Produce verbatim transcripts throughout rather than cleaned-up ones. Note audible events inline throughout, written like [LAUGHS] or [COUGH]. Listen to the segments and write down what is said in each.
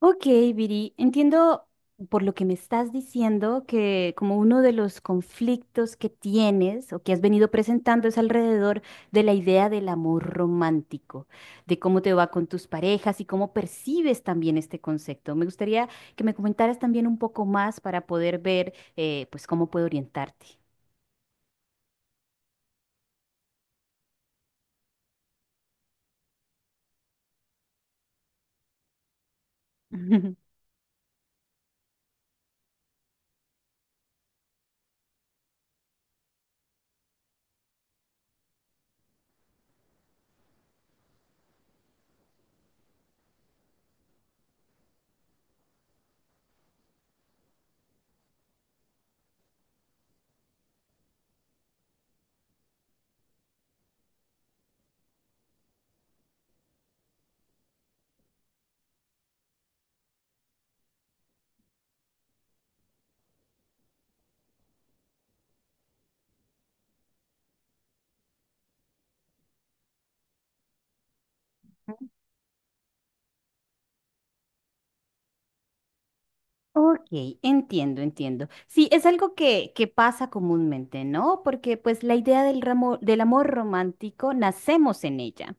Ok, Viri, entiendo por lo que me estás diciendo que como uno de los conflictos que tienes o que has venido presentando es alrededor de la idea del amor romántico, de cómo te va con tus parejas y cómo percibes también este concepto. Me gustaría que me comentaras también un poco más para poder ver eh, pues cómo puedo orientarte. [LAUGHS] Ok, entiendo, entiendo. Sí, es algo que, que pasa comúnmente, ¿no? Porque pues la idea del ramo- del amor romántico nacemos en ella.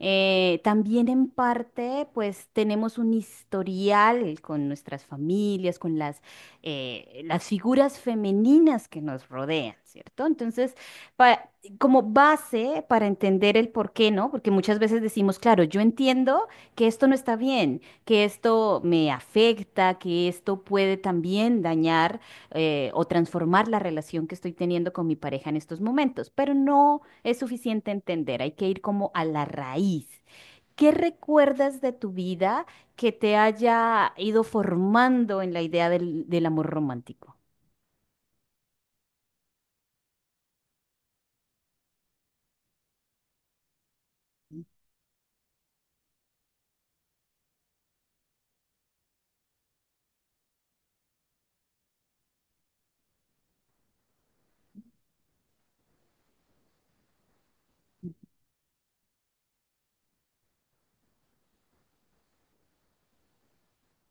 Eh, también en parte pues tenemos un historial con nuestras familias, con las, eh, las figuras femeninas que nos rodean, ¿cierto? Entonces, pa- como base para entender el por qué, ¿no? Porque muchas veces decimos, claro, yo entiendo que esto no está bien, que esto me afecta, que esto puede también dañar eh, o transformar la relación que estoy teniendo con mi pareja en estos momentos, pero no es suficiente entender, hay que ir como a la raíz. ¿Qué recuerdas de tu vida que te haya ido formando en la idea del, del amor romántico?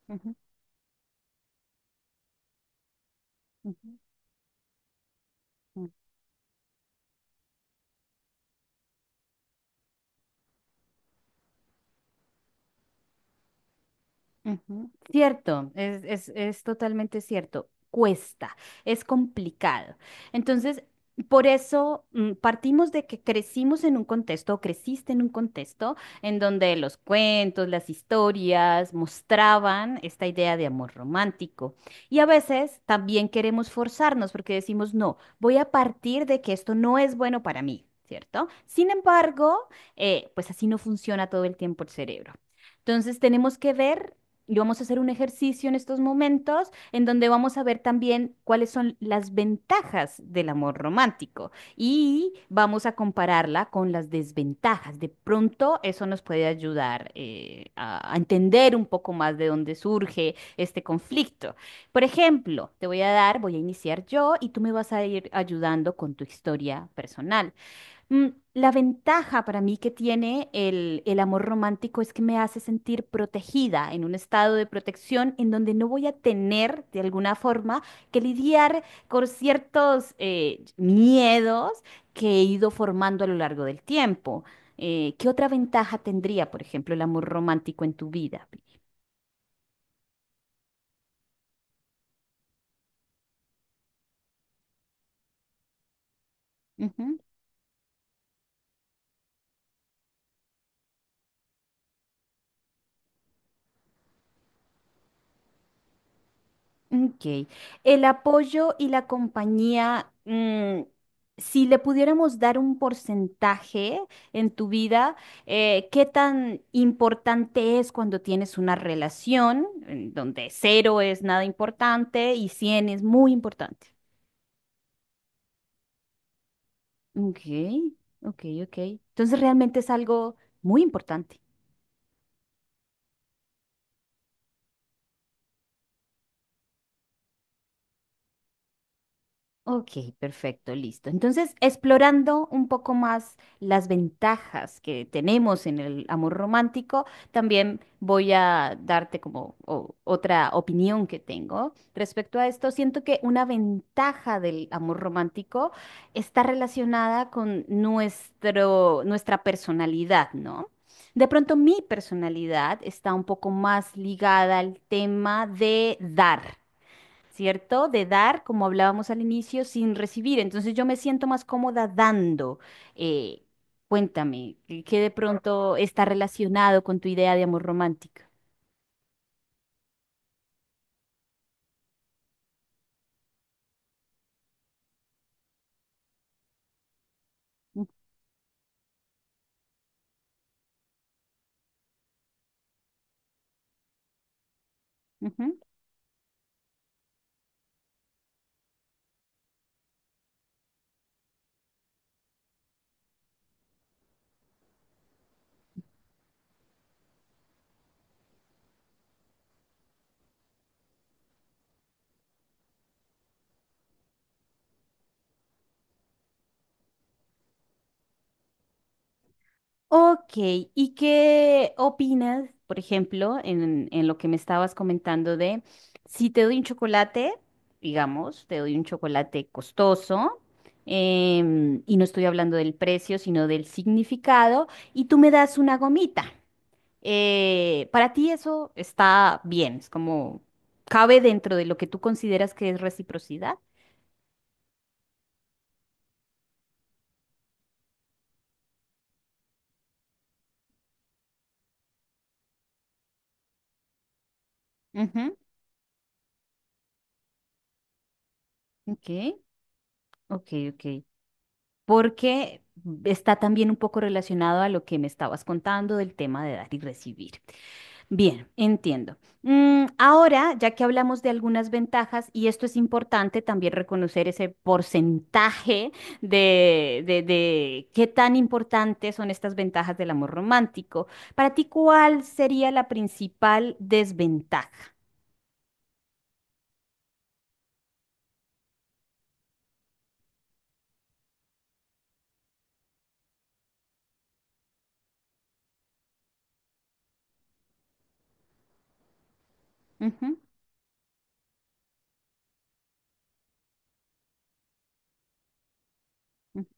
Ujú, ujú, ujú. Cierto, es, es, es totalmente cierto. Cuesta, es complicado. Entonces, por eso mm, partimos de que crecimos en un contexto, o creciste en un contexto en donde los cuentos, las historias mostraban esta idea de amor romántico. Y a veces también queremos forzarnos porque decimos, no, voy a partir de que esto no es bueno para mí, ¿cierto? Sin embargo, eh, pues así no funciona todo el tiempo el cerebro. Entonces tenemos que ver y vamos a hacer un ejercicio en estos momentos en donde vamos a ver también cuáles son las ventajas del amor romántico y vamos a compararla con las desventajas. De pronto eso nos puede ayudar eh, a a entender un poco más de dónde surge este conflicto. Por ejemplo, te voy a dar, voy a iniciar yo y tú me vas a ir ayudando con tu historia personal. Mm, La ventaja para mí que tiene el, el amor romántico es que me hace sentir protegida en un estado de protección en donde no voy a tener de alguna forma que lidiar con ciertos eh, miedos que he ido formando a lo largo del tiempo. Eh, ¿qué otra ventaja tendría, por ejemplo, el amor romántico en tu vida? ¿Vivi? Ok. El apoyo y la compañía, mm, si le pudiéramos dar un porcentaje en tu vida, eh, ¿qué tan importante es cuando tienes una relación en donde cero es nada importante y cien es muy importante? Ok, ok, ok. Entonces realmente es algo muy importante. Ok, perfecto, listo. Entonces, explorando un poco más las ventajas que tenemos en el amor romántico, también voy a darte como o- otra opinión que tengo. Respecto a esto, siento que una ventaja del amor romántico está relacionada con nuestro, nuestra personalidad, ¿no? De pronto mi personalidad está un poco más ligada al tema de dar, ¿cierto? De dar, como hablábamos al inicio, sin recibir. Entonces yo me siento más cómoda dando. Eh, Cuéntame, ¿qué qué de pronto está relacionado con tu idea de amor romántico? Ujú. Ujú. Ok, ¿y qué opinas, por ejemplo, en, en lo que me estabas comentando de si te doy un chocolate, digamos, te doy un chocolate costoso? Em, y no estoy hablando del precio, sino del significado, y tú me das una gomita. Eh, para ti eso está bien, es como cabe dentro de lo que tú consideras que es reciprocidad. Ujú. Ok, ok, ok. Porque está también un poco relacionado a lo que me estabas contando del tema de dar y recibir. Bien, entiendo. Mm, ahora, ya que hablamos de algunas ventajas, y esto es importante también reconocer ese porcentaje de, de, de qué tan importantes son estas ventajas del amor romántico. Para ti, ¿cuál sería la principal desventaja? Ujú, ujú,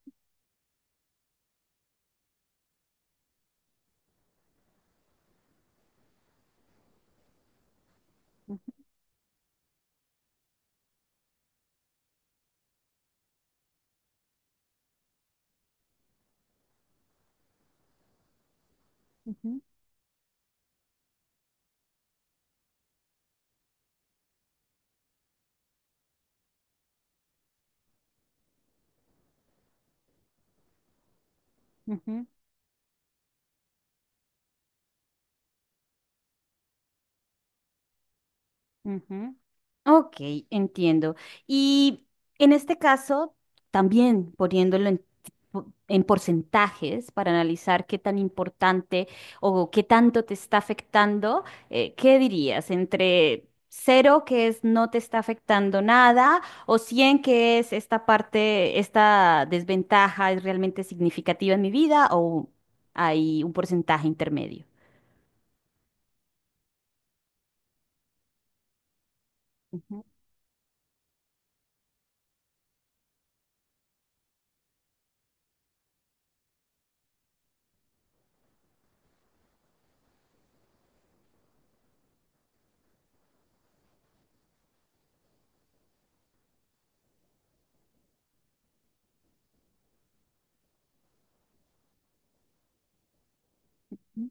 ujú, ujú. Ujú. Ok, entiendo. Y en este caso, también poniéndolo en, po- en porcentajes para analizar qué tan importante o qué tanto te está afectando, eh, ¿qué dirías? Entre cero, que es no te está afectando nada, o cien, que es esta parte, esta desventaja es realmente significativa en mi vida, o hay un porcentaje intermedio. Ujú.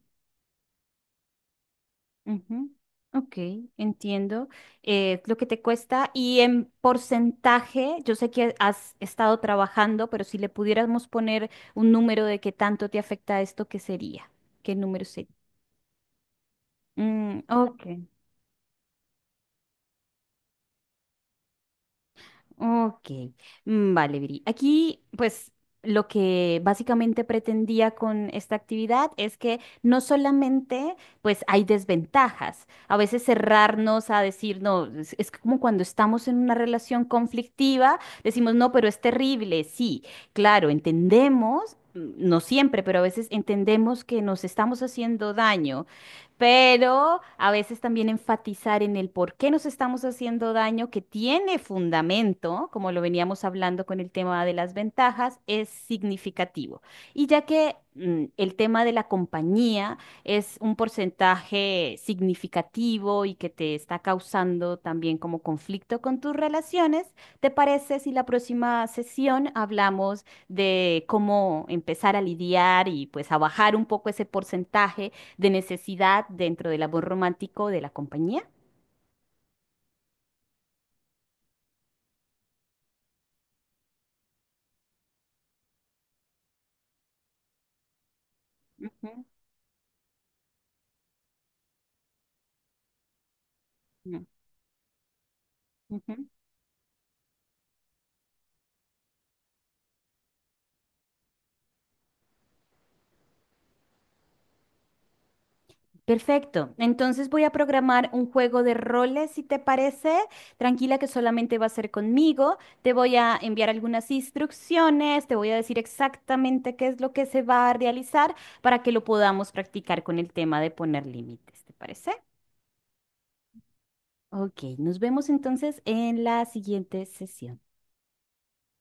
Ujú. Ok, entiendo eh, lo que te cuesta y en porcentaje, yo sé que has estado trabajando, pero si le pudiéramos poner un número de qué tanto te afecta esto, ¿qué sería? ¿Qué número sería? Mm, ok. Ok, mm, vale, Viri. Aquí, pues, lo que básicamente pretendía con esta actividad es que no solamente, pues, hay desventajas. A veces cerrarnos a decir, no, es, es como cuando estamos en una relación conflictiva, decimos, no, pero es terrible. Sí, claro, entendemos. mm, No siempre, pero a veces entendemos que nos estamos haciendo daño, pero a veces también enfatizar en el por qué nos estamos haciendo daño, que tiene fundamento, como lo veníamos hablando con el tema de las ventajas, es significativo. Y ya que mm, el tema de la compañía es un porcentaje significativo y que te está causando también como conflicto con tus relaciones, ¿te parece si la próxima sesión hablamos de cómo empezar a lidiar y pues a bajar un poco ese porcentaje de necesidad dentro del amor romántico de la compañía? Ujú, ujú, ujú. Perfecto. Entonces voy a programar un juego de roles, si te parece. Tranquila que solamente va a ser conmigo. Te voy a enviar algunas instrucciones, te voy a decir exactamente qué es lo que se va a realizar para que lo podamos practicar con el tema de poner límites, ¿te parece? Ok, nos vemos entonces en la siguiente sesión.